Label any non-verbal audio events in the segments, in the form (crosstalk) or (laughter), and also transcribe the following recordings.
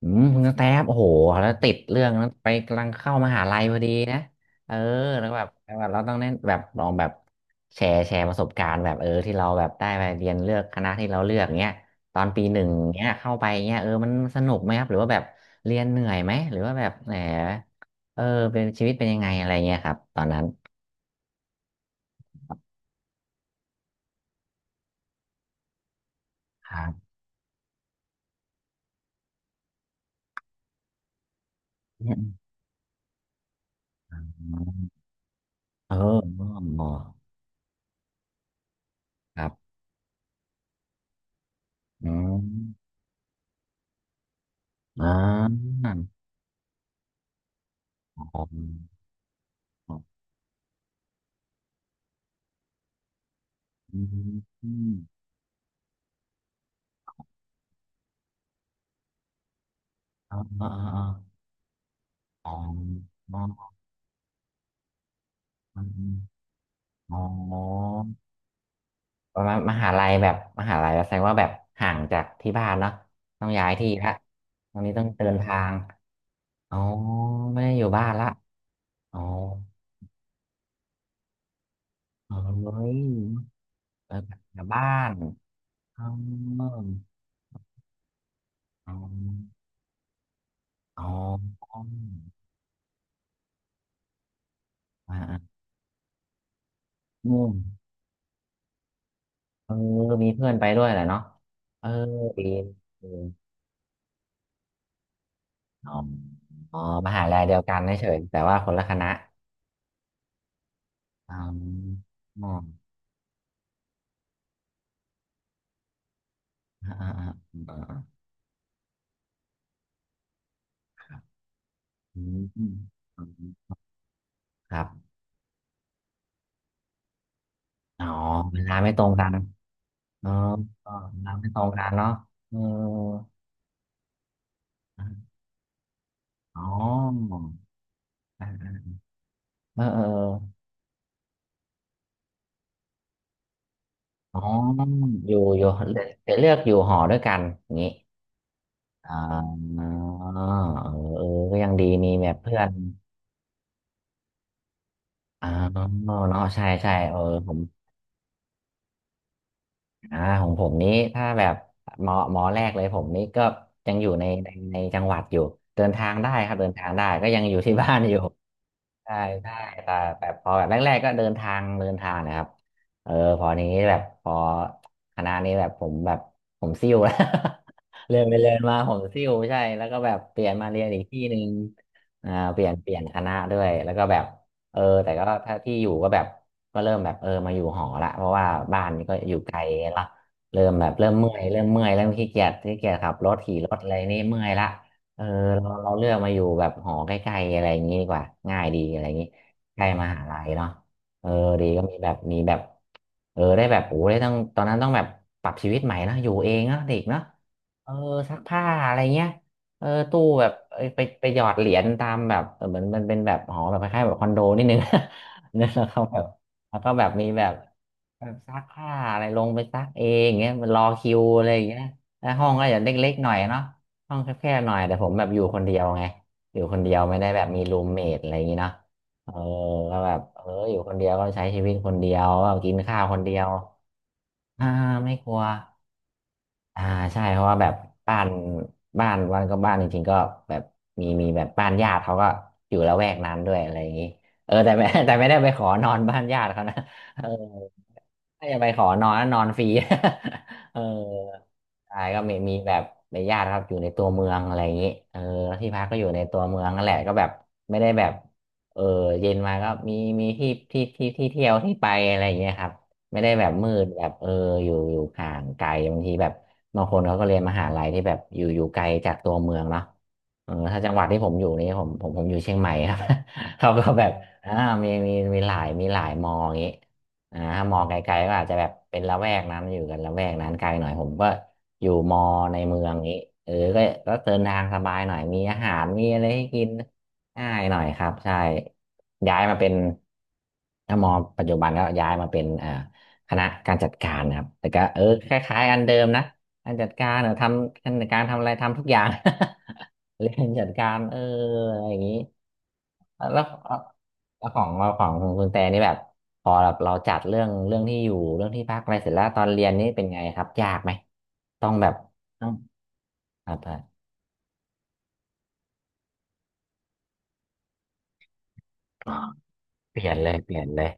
อืมคุณกระแตบโอ้โหแล้วติดเรื่องนั้นไปกำลังเข้ามหาลัยพอดีนะเออแล้วแบบเราต้องเน้นแบบลองแบบแชร์ประสบการณ์แบบเออที่เราแบบได้ไปเรียนเลือกคณะที่เราเลือกเงี้ยตอนปีหนึ่งเงี้ยเข้าไปเงี้ยเออมันสนุกไหมครับหรือว่าแบบเรียนเหนื่อยไหมหรือว่าแบบแหมเออเป็นชีวิตเป็นยังไงอะไรเงี้ยครับตอนนั้นครับอืมเอออ๋อครับอืมอ่าอ๋ออืม อ๋ออ๋ออ๋ออ๋ออ๋ออ๋อประมาณมหาลัยแบบมหาลัยแสดงว่าแบบห่างจากที่บ้านเนาะต้องย้ายที่ละตรงนี้ต้องเดินทางอ๋อไม่ได้อยู่บ้านละอ๋อเอ้ยเออกลับบ้านอ๋ออ๋ออ๋ออ่าอืมเออมีเพื่อนไปด้วยแหละเนาะเออดีดีอ๋ออ๋อมหาลัยเดียวกันเฉยๆแต่ว่าคนละคณะ อ่า๋ออ่าอ่าอ่าอ่าครับอืมอืมครับอ๋อเวลาไม่ตรงกันเออก็เวลาไม่ตรงกันเนาะเอออ๋ออ่าอ่าเออเอออ๋ออยู่อยู่เดี๋ยวเลือกอยู่หอด้วยกันอย่างนี้อ่าเออเออก็ยังดีมีแบบเพื่อน อ๋อเนาะใช่ใช่เออผม อ่าของผมนี้ถ้าแบบหมอแรกเลยผมนี้ก็ยังอยู่ในจังหวัดอยู่เดินทางได้ครับเดินทางได้ก็ยังอยู่ที่บ้านอยู่ ใช่ใช่แต่แบบพอแบบแรกๆก็เดินทางนะครับเออพอนี้แบบพอคณะนี้แบบผมแบบผมซิ่วแล้ว (laughs) เรียนไปเรียนมาผมซิ่วใช่แล้วก็แบบเปลี่ยนมาเรียนอีกที่หนึ่งอ่าเปลี่ยนคณะด้วยแล้วก็แบบเออแต่ก็ถ้าที่อยู่ก็แบบก็เริ่มแบบเออมาอยู่หอละเพราะว่าบ้านก็อยู่ไกลละเริ่มแบบเริ่มเมื่อยเริ่มขี้เกียจขับรถขี่รถอะไรนี่เมื่อยละ เออเราเลือกมาอยู่แบบหอใกล้ๆอะไรอย่างนี้ดีกว่าง่ายดีอะไรอย่างนี้ใกล้มหาลัยเนาะเออดีก็มีแบบเออได้แบบโอ้ได้ต้องตอนนั้นต้องแบบปรับชีวิตใหม่นอะอยู่เองเนอะเด็กเนาะเออซักผ้าอะไรเงี้ยเออตู้แบบเอ้ยไปไปหยอดเหรียญตามแบบเออเหมือนมันเป็นแบบหอแบบคล้ายๆแบบคอนโดนิดนึง (laughs) เนี่ยแล้วเขาแบบแล้วก็แบบมีแบบแบบซักผ้าอะไรลงไปซักเองเงี้ยมันรอคิวอะไรอย่างเงี้ยแล้วห้องก็อย่างเล็กๆหน่อยเนาะ ห้องแคบๆหน่อยแต่ผมแบบอยู่คนเดียวไงอยู่คนเดียวไม่ได้แบบมีรูมเมทอะไรอย่างนี้เนาะเออก็แบบเอออยู่คนเดียวก็ใช้ชีวิตคนเดียวก็กินข้าวคนเดียวอ่าไม่กลัวอ่าใช่เพราะว่าแบบบ้านบ้านวันก็บ้านจริงๆก็แบบมีแบบบ้านญาติเขาก็อยู่ละแวกนั้นด้วยอะไรอย่างนี้เออแต่ (laughs) ไม่แต่ไม่ได้ไปขอนอนบ้านญาติเขานะเออถ้าจะไปขอนอนนอนฟรี (laughs) เออ ใช่ก็มีแบบในญาติครับอยู่ในตัวเมืองอะไรอย่างนี้เออแล้วที่พักก็อยู่ในตัวเมืองนั่นแหละก็แบบไม่ได้แบบเออเย็นมาก็มีมีที่เที่ยวที่ไปอะไรอย่างเงี้ยครับไม่ได้แบบมืดแบบเอออยู่ห่างไกลบางทีแบบบางคนเขาก็เรียนมหาลัยที่แบบอยู่ไกลจากตัวเมืองเนาะเออถ้าจังหวัดที่ผมอยู่นี่ผมอยู่เชียงใหม่ครับ (laughs) เขาก็แบบอ่ามีหลายมออย่างงี้อ่าถ้ามองไกลๆก็อาจจะแบบเป็นละแวกนั้นอยู่กันละแวกนั้นไกลหน่อยผมก็ อยู่มอในเมืองนี้เออก็เดินทางสบายหน่อยมีอาหารมีอะไรให้กินง่ายหน่อยครับใช่ย้ายมาเป็นถ้ามอปัจจุบันก็ย้ายมาเป็นอ่าคณะการจัดการนะครับแต่ก็เออคล้ายๆอันเดิมนะการจัดการเนี่ยทำการจัดการทำอะไรทำทุกอย่าง (laughs) เรียนจัดการเอออะไรอย่างนี้แล้ว แล้วของของคุณแต่นี่แบบพอแบบเราจัดเรื่องที่อยู่เรื่องที่พักอะไรเสร็จแล้วตอนเรียนนี่เป็นไงครับยากไหมต้องแบบต้องครับเปลี่ยนเลยเปลี่ยนเลย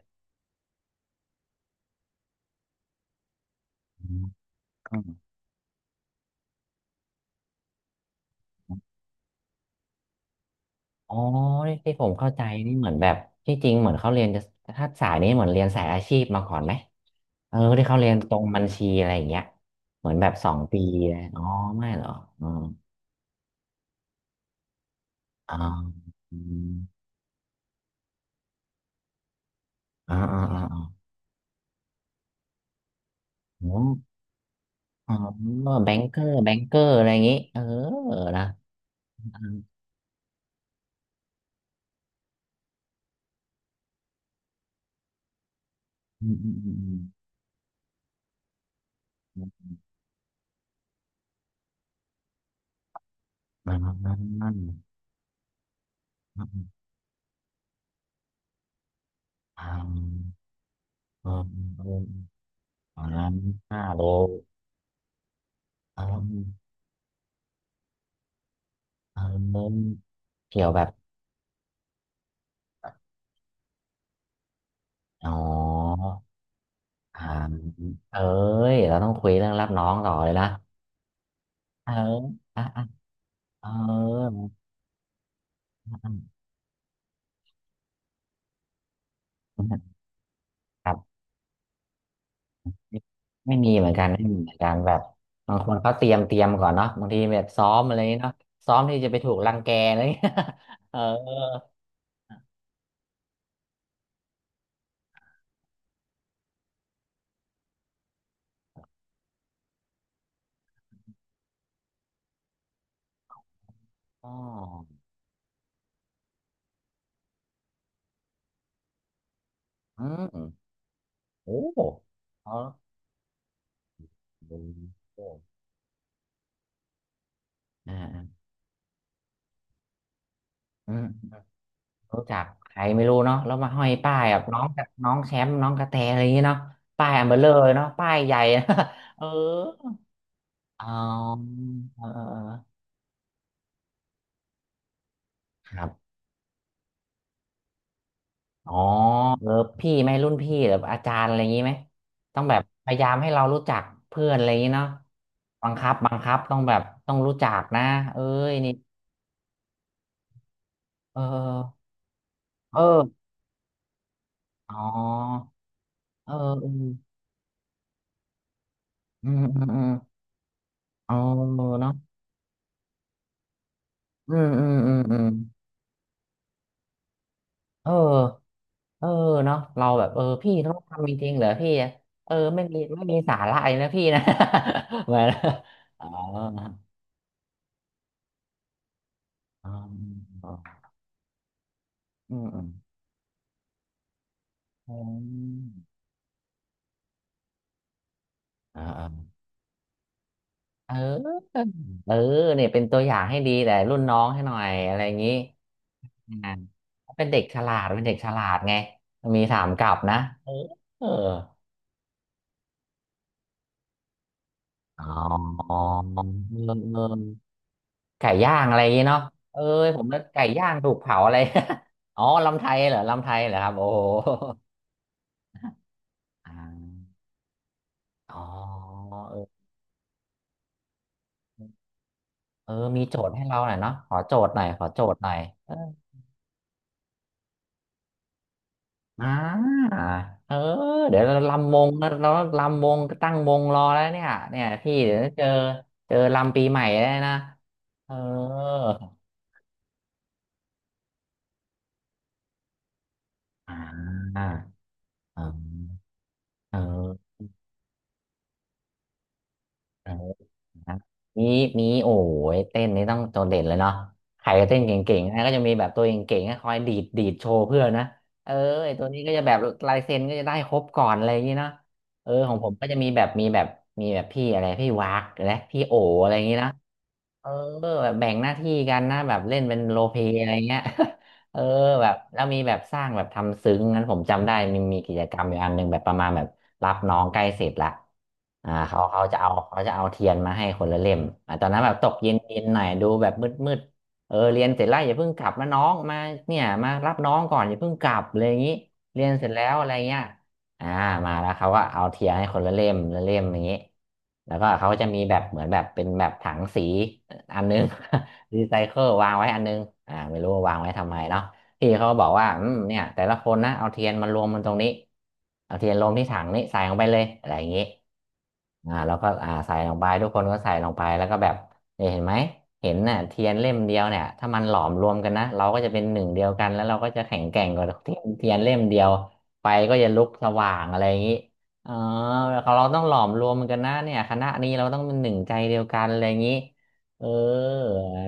อืมอมอ๋อที่ผมเข้าใจนี่เหมือนแบบที่จริงเหมือนเขาเรียนจะถ้าสายนี้เหมือนเรียนสายอาชีพมาก่อนไหมเออที่เขาเรียนตรงบัญชีอะไรอย่างเงี้ยเหมือนแบบสองปีนะอ๋อไม่เหรออ๋ออ๋ออมอ๋ออ๋ออ๋ออ๋อ อ๋อแบงเกอร์แบงเกอร์อะไรอย่างงี้เออนะอืมอืมอืมอืมอ่าอ่าอ่าอ่าอ่าออ5 โลอ่าอืมเกี่ยวแบบอ๋ออ่าเอ้ยเราต้องคุยเรื่องรับน้องต่อเลยนะเอออ่ะอ่ะเออครับ ไม่มีเหมือนกันไม่มีเหมือนกันแบบบางคนเขาเตรียมก่อนเนาะบางทีแบบซ้อมอะไรอย่างเงี้ยเนาะซ้อมที่จะไปถูกรังแกอะไรอย่างเงี้ย (laughs) เอออ๋ออืมโอ้เขาอืมโอ้อ่าอืมรู้จักใครไม่รู้เนาะแล้วมาห้อยป้ายแบบน้องกับน้องแชมป์น้องกระแตอะไรอย่างเงี้ยเนาะป้ายอันเบลอเลยเนาะป้ายใหญ่ (laughs) เอออ๋อเออเออเออครับ อ๋อเออพี่ไหมรุ่นพี่หรืออาจารย์อะไรอย่างนี้ไหมต้องแบบพยายามให้เรารู้จักเพื่อนอะไรอย่างนี้เนาะบังคับต้องแบบต้องรู้จักนะเอ้ยนี่เออเอออ๋อเอออืมอืมอืมอืมอ๋อเนาะอืมอืมอืมอืมเออเออเนาะเราแบบเออพี่ต้องทำจริงๆเหรอพี่อะเออไม่มีไม่มีสาระอะไรนะพี่นะ (laughs) เหมือนอ๋ออ๋ออืมอืมอืม อ่าอเออเออเนี่ยเป็นตัวอย่างให้ดีแต่รุ่นน้องให้หน่อยอะไรอย่างนี้อ่าเป็นเด็กฉลาดเป็นเด็กฉลาดไงมีถามกลับนะเออเอออ๋อเออเออไก่ย่างอะไรอย่างนี้เนาะเออผมนึกไก่ย่างถูกเผาอะไร (laughs) อ๋อลำไทยเหรอลำไทยเหรอครับโอ้โหอ่าอ๋อเออเออมีโจทย์ให้เราหน่อยเนาะขอโจทย์หน่อยขอโจทย์หน่อย อ่าเออเดี๋ยวเราลำวงนะเราลำวงตั้งวงรอแล้วเนี่ยเนี่ยพี่เดี๋ยวเจอเจอลำปีใหม่แล้วนะเอออ่าเออเออเออนะมีมีโอ้ยเต้นนี่ต้องโดดเด่นเลยเนาะใครเต้นเก่งๆนะก็จะมีแบบตัวเก่งๆนะคอยดีดดีดโชว์เพื่อนนะเออไอตัวนี้ก็จะแบบลายเซ็นก็จะได้ครบก่อนอะไรอย่างนี้เนาะเออของผมก็จะมีแบบมีแบบมีแบบพี่อะไรพี่วากนะพี่โออะไรอย่างนี้นะ เออแบบแบ่งหน้าที่กันนะแบบเล่นเป็นโรลเพลย์อะไรเงี้ย (laughs) เออแบบแล้วมีแบบสร้างแบบทำซึ้งนั้นผมจำได้มีกิจกรรมอยู่อันหนึ่งแบบประมาณแบบรับน้องใกล้เสร็จละเขาจะเอาเขาจะเอาเทียนมาให้คนละเล่มตอนนั้นแบบตกเย็นเย็นหน่อยดูแบบมืดมืดเออเรียนเสร็จแล้วอย่าเพิ่งกลับนะน้องมาเนี่ยมารับน้องก่อนอย่าเพิ่งกลับเลยอย่างนี้เรียนเสร็จแล้วอะไรเงี้ยอ่ามาแล้วเขาก็เอาเทียนให้คนละเล่มละเล่มอย่างนี้แล้วก็เขาจะมีแบบเหมือนแบบเป็นแบบถังสี อันนึง (laughs) รีไซเคิลวางไว้อันนึงไม่รู้ว่าวางไว้ทำไม (laughs) เนาะพี่เขาบอกว่าอืมเนี่ยแต่ละคนนะเอาเทียนมารวมมันตรงนี้เอาเทียนรวมที่ถังนี้ใส่ลงไปเลยอะไรอย่างนี้แล้วก็ใส่ลงไปทุกคนก็ใส่ลงไปแล้วก็แบบเนี่ยเห็นไหมเห็นน่ะเทียนเล่มเดียวเนี่ยถ้ามันหลอมรวมกันนะเราก็จะเป็นหนึ่งเดียวกันแล้วเราก็จะแข็งแกร่งกว่าเทียนเล่มเดียวไฟก็จะลุกสว่างอะไรอย่างนี้อ๋อเราต้องหลอมรวมกันนะเนี่ยคณะนี้เราต้องเป็นหนึ่งใจเดียวกันอะไรอย่างนี้ เออ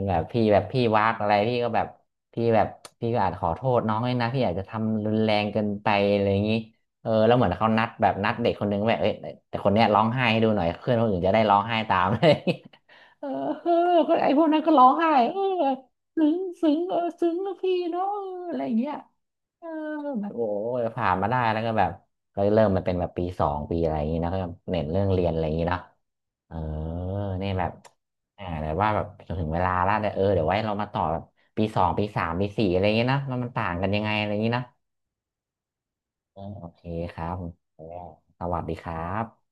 แบบพี่แบบพี่วักอะไรพี่ก็แบบพี่แบบพี่ก็อาจขอโทษน้องเลยนะพี่อาจจะทำรุนแรงเกินไปอะไรอย่างนี้เออแล้วเหมือนเขานัดแบบนัดเด็กคนนึงแบบเอ้ยแต่คนเนี้ยร้องไห้ให้ดูหน่อยเพื่อนคนอื่นจะได้ร้องไห้ตาม (laughs) เลย เออเออก็ไอ้พวกนั้นก็ร้องไห้เออซึ้งซึ้งเออซึ้งนะพี่เนาะเอออะไรอย่างเงี้ยเออแบบโอ้ยผ่านมาได้แล้วก็แบบก็เริ่มมาเป็นแบบปีสองปีอะไรอย่างงี้นะก็เน้นเรื่องเรียนอะไรอย่างงี้เนาะเออเนี่ยแบบแต่ว่าแบบจนถึงเวลาละเดี๋ยวเออเดี๋ยวไว้เรามาต่อแบบปี 2 ปี 3 ปี 4อะไรอย่างงี้นะมันต่างกันยังไงอะไรอย่างงี้นะเออโอเคครับสวัสดีครับ